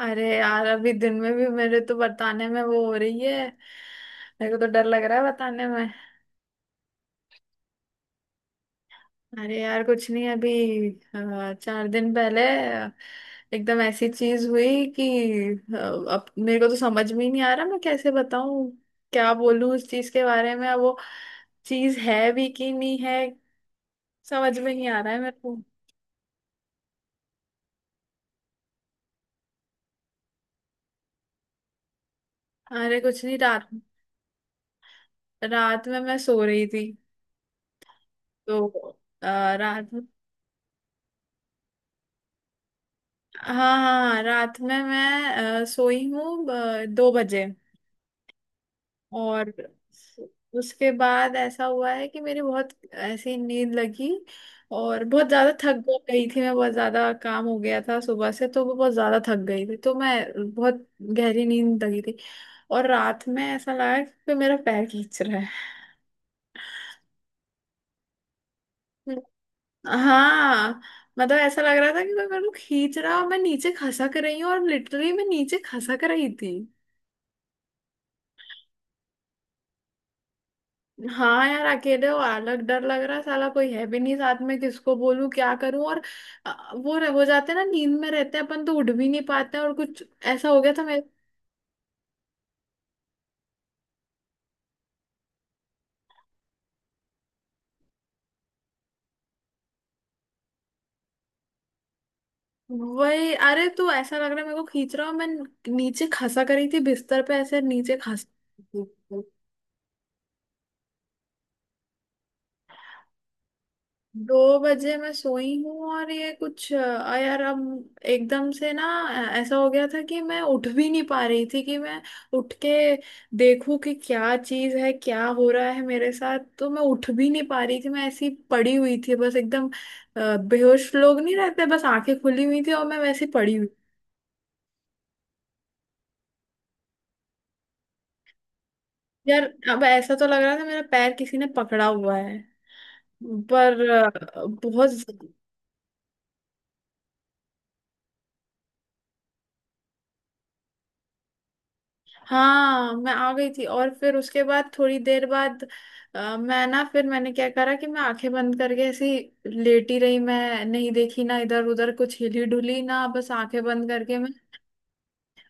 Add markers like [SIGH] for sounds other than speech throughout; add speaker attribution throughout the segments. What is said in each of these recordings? Speaker 1: अरे यार अभी दिन में भी मेरे तो बताने में वो हो रही है। मेरे को तो डर लग रहा है बताने में। अरे यार कुछ नहीं अभी। चार दिन पहले अ, एकदम ऐसी चीज हुई कि अ, अब मेरे को तो समझ में ही नहीं आ रहा, मैं कैसे बताऊं, क्या बोलूं उस चीज के बारे में। अब वो चीज है भी कि नहीं है, समझ में नहीं आ रहा है मेरे को। अरे कुछ नहीं। रात रात में मैं सो रही थी। तो अ, रात हाँ, हाँ, रात में मैं सोई हूँ 2 बजे। और उसके बाद ऐसा हुआ है कि मेरी बहुत ऐसी नींद लगी, और बहुत ज्यादा थक गई थी। मैं बहुत ज्यादा काम हो गया था सुबह से, तो वो बहुत ज्यादा थक गई थी, तो मैं बहुत गहरी नींद लगी थी। और रात में ऐसा लगा कि मेरा पैर खींच रहा है। हाँ। मतलब ऐसा लग रहा था कि कोई मेरे को खींच रहा है और मैं नीचे खसक रही हूँ, और लिटरली मैं नीचे खसक रही थी। हाँ यार, अकेले हो अलग डर लग रहा है, साला कोई है भी नहीं साथ में, किसको बोलूं क्या करूं। और वो हो जाते हैं ना, नींद में रहते हैं अपन, तो उठ भी नहीं पाते हैं, और कुछ ऐसा हो गया था मैं। वही, अरे तू, ऐसा लग रहा है मेरे को खींच रहा हूँ मैं नीचे। खसा करी थी बिस्तर पे, ऐसे नीचे खस। 2 बजे मैं सोई हूँ और ये कुछ यार, अब एकदम से ना ऐसा हो गया था कि मैं उठ भी नहीं पा रही थी कि मैं उठ के देखूं कि क्या चीज़ है, क्या हो रहा है मेरे साथ। तो मैं उठ भी नहीं पा रही थी, मैं ऐसी पड़ी हुई थी बस एकदम, बेहोश लोग नहीं रहते, बस आंखें खुली हुई थी और मैं वैसी पड़ी हुई। यार अब ऐसा तो लग रहा था मेरा पैर किसी ने पकड़ा हुआ है, पर बहुत। हाँ मैं आ गई थी, और फिर उसके बाद थोड़ी देर बाद मैं ना, फिर मैंने क्या करा कि मैं आंखें बंद करके ऐसी लेटी रही। मैं नहीं देखी ना इधर उधर, कुछ हिली डुली ना, बस आंखें बंद करके मैं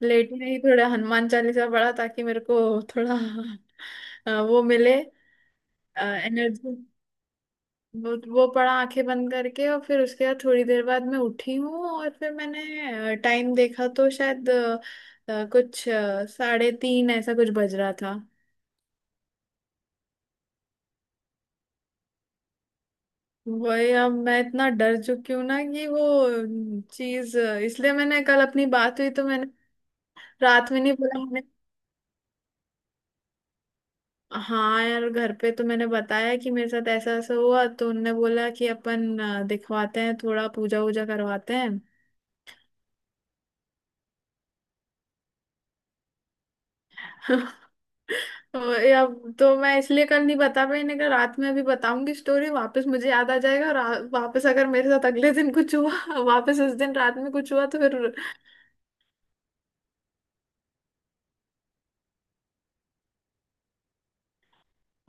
Speaker 1: लेटी रही। थोड़ा हनुमान चालीसा पढ़ा ताकि मेरे को थोड़ा वो मिले, एनर्जी। वो पढ़ा आंखें बंद करके, और फिर उसके बाद थोड़ी देर बाद मैं उठी हूँ और फिर मैंने टाइम देखा, तो शायद कुछ 3:30 ऐसा कुछ बज रहा था। वही, अब मैं इतना डर चुकी हूँ ना कि वो चीज, इसलिए मैंने कल अपनी बात हुई तो मैंने रात में नहीं बोला मैंने। हाँ यार, घर पे तो मैंने बताया कि मेरे साथ ऐसा ऐसा हुआ, तो उनने बोला कि अपन दिखवाते हैं, थोड़ा पूजा वूजा करवाते हैं। [LAUGHS] वही, अब तो मैं इसलिए कल नहीं बता पाई, नहीं कहा रात में, अभी बताऊंगी स्टोरी वापस मुझे याद आ जाएगा, और वापस अगर मेरे साथ अगले दिन कुछ हुआ, [LAUGHS] वापस उस दिन रात में कुछ हुआ तो फिर।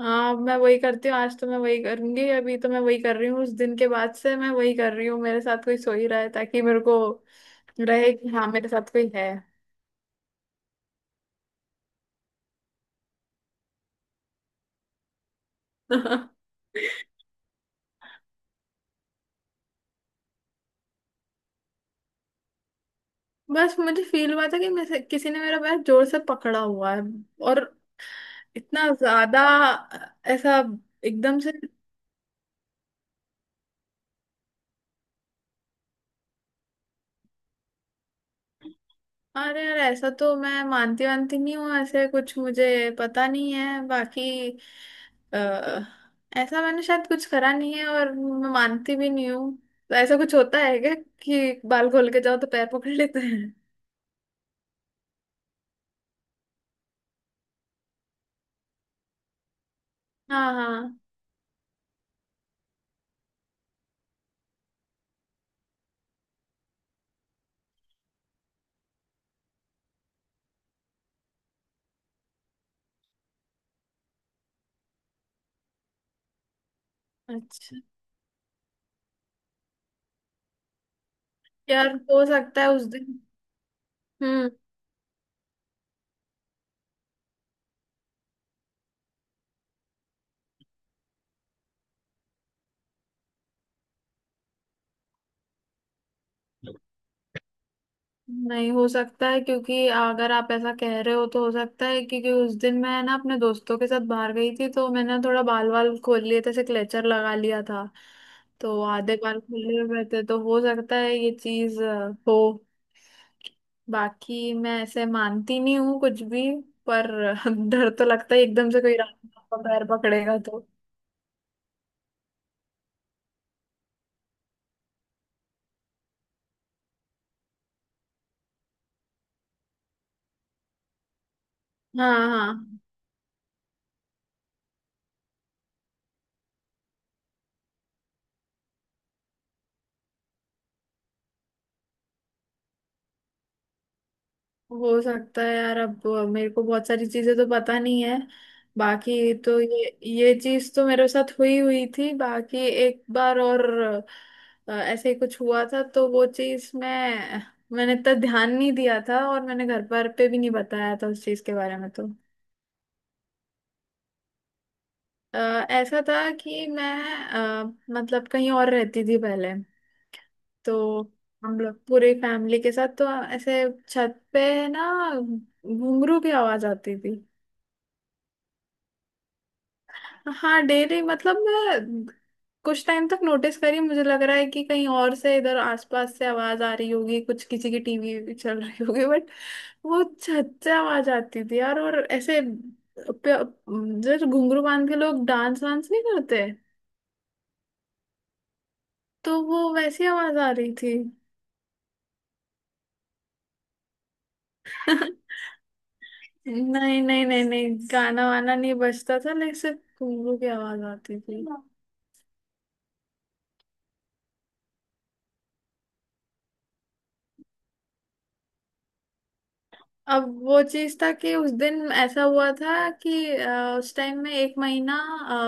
Speaker 1: हाँ, अब मैं वही करती हूँ, आज तो मैं वही करूंगी, अभी तो मैं वही कर रही हूँ उस दिन के बाद से। मैं वही कर रही हूँ, मेरे साथ कोई सो ही रहा है, ताकि मेरे को रहे कि हाँ मेरे साथ कोई है। [LAUGHS] बस मुझे फील हुआ था कि किसी ने मेरा पैर जोर से पकड़ा हुआ है, और इतना ज्यादा, ऐसा एकदम से। अरे यार, ऐसा तो मैं मानती वानती नहीं हूँ, ऐसे कुछ मुझे पता नहीं है। बाकी अ, ऐसा मैंने शायद कुछ करा नहीं है, और मैं मानती भी नहीं हूँ। तो ऐसा कुछ होता है क्या कि बाल खोल के जाओ तो पैर पकड़ लेते हैं? हाँ, हाँ, अच्छा। यार हो सकता है उस दिन। हम्म। नहीं हो सकता है, क्योंकि अगर आप ऐसा कह रहे हो तो हो सकता है, क्योंकि उस दिन मैं ना अपने दोस्तों के साथ बाहर गई थी, तो मैंने थोड़ा बाल वाल खोल लिए थे, ऐसे क्लेचर लगा लिया था। तो आधे बाल खुले हुए थे, तो हो सकता है ये चीज हो। बाकी मैं ऐसे मानती नहीं हूँ कुछ भी, पर [LAUGHS] डर तो लगता है, एकदम से कोई रात को पैर पकड़ेगा तो। हाँ, हाँ, हो सकता है यार। अब मेरे को बहुत सारी चीजें तो पता नहीं है, बाकी तो ये चीज तो मेरे साथ हुई हुई थी। बाकी एक बार और ऐसे ही कुछ हुआ था, तो वो चीज मैंने इतना ध्यान नहीं दिया था, और मैंने घर पर पे भी नहीं बताया था उस चीज के बारे में। तो अ, ऐसा था कि मैं मतलब कहीं और रहती थी पहले। तो हम लोग पूरी फैमिली के साथ तो ऐसे छत पे ना, घुंघरू की आवाज आती थी। हाँ डेली, मतलब मैं कुछ टाइम तक नोटिस करी, मुझे लग रहा है कि कहीं और से इधर आसपास से आवाज आ रही होगी, कुछ किसी की टीवी चल रही होगी, बट वो छच्चे आवाज आती थी यार। और ऐसे जो घुंघरू बांध के लोग डांस वांस नहीं करते, तो वो वैसी आवाज आ रही थी। [LAUGHS] नहीं, नहीं, नहीं, नहीं, गाना वाना नहीं बजता था, लेकिन सिर्फ घुंघरू की आवाज आती थी। अब वो चीज था कि उस दिन ऐसा हुआ था कि उस टाइम में 1 महीना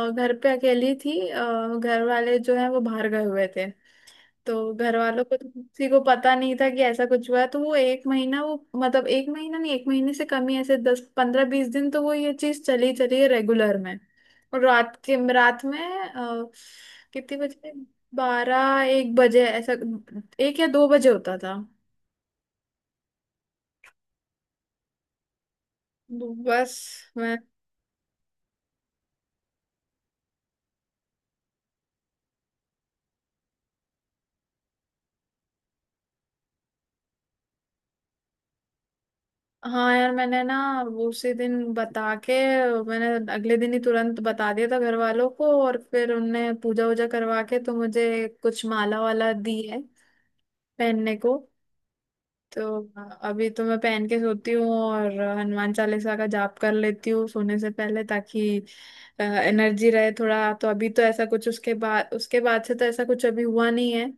Speaker 1: घर पे अकेली थी। घर वाले जो है वो बाहर गए हुए थे, तो घर वालों को तो किसी को पता नहीं था कि ऐसा कुछ हुआ है। तो वो 1 महीना, वो मतलब 1 महीना नहीं, 1 महीने से कम ही, ऐसे 10-15-20 दिन तो वो ये चीज चली चली है रेगुलर में। और रात के रात में अ, कितने बजे, 12-1 बजे ऐसा, 1 या 2 बजे होता था बस मैं। हाँ यार, मैंने ना वो उसी दिन बता के, मैंने अगले दिन ही तुरंत बता दिया था घर वालों को, और फिर उनने पूजा वूजा करवा के तो मुझे कुछ माला वाला दी है पहनने को। तो अभी तो मैं पहन के सोती हूँ और हनुमान चालीसा का जाप कर लेती हूँ सोने से पहले, ताकि एनर्जी रहे थोड़ा। तो अभी तो ऐसा कुछ उसके बाद, उसके बाद से तो ऐसा कुछ अभी हुआ नहीं है।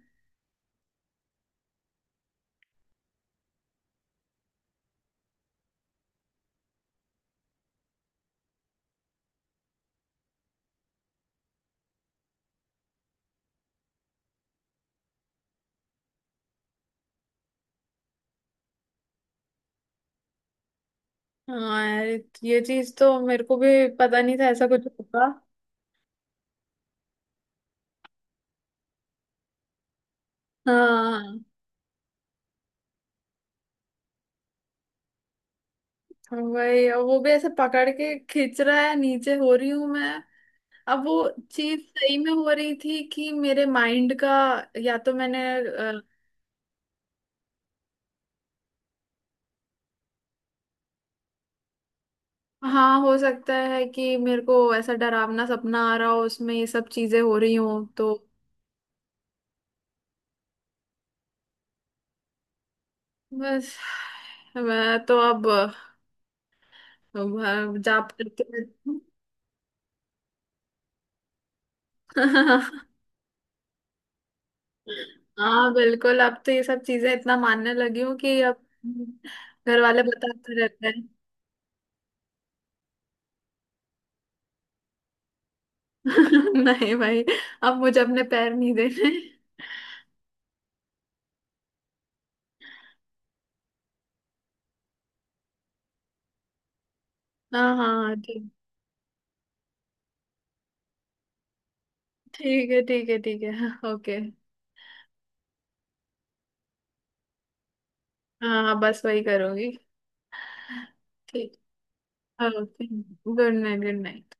Speaker 1: हाँ यार, ये चीज तो मेरे को भी पता नहीं था ऐसा कुछ होगा। हाँ। वही, और वो भी ऐसे पकड़ के खींच रहा है, नीचे हो रही हूं मैं। अब वो चीज सही में हो रही थी कि मेरे माइंड का, या तो मैंने हाँ, हो सकता है कि मेरे को ऐसा डरावना सपना आ रहा हो, उसमें ये सब चीजें हो रही हो तो। बस मैं तो अब जाप करके। [LAUGHS] हाँ बिल्कुल, अब तो ये सब चीजें इतना मानने लगी हूँ कि अब घर वाले बताते रहते। [LAUGHS] नहीं भाई, अब मुझे अपने पैर नहीं देने। हाँ, हाँ, ठीक। ठीक है, ठीक है, ठीक है, ओके। हाँ, हाँ, बस वही करूंगी। ठीक, okay, good night, good night.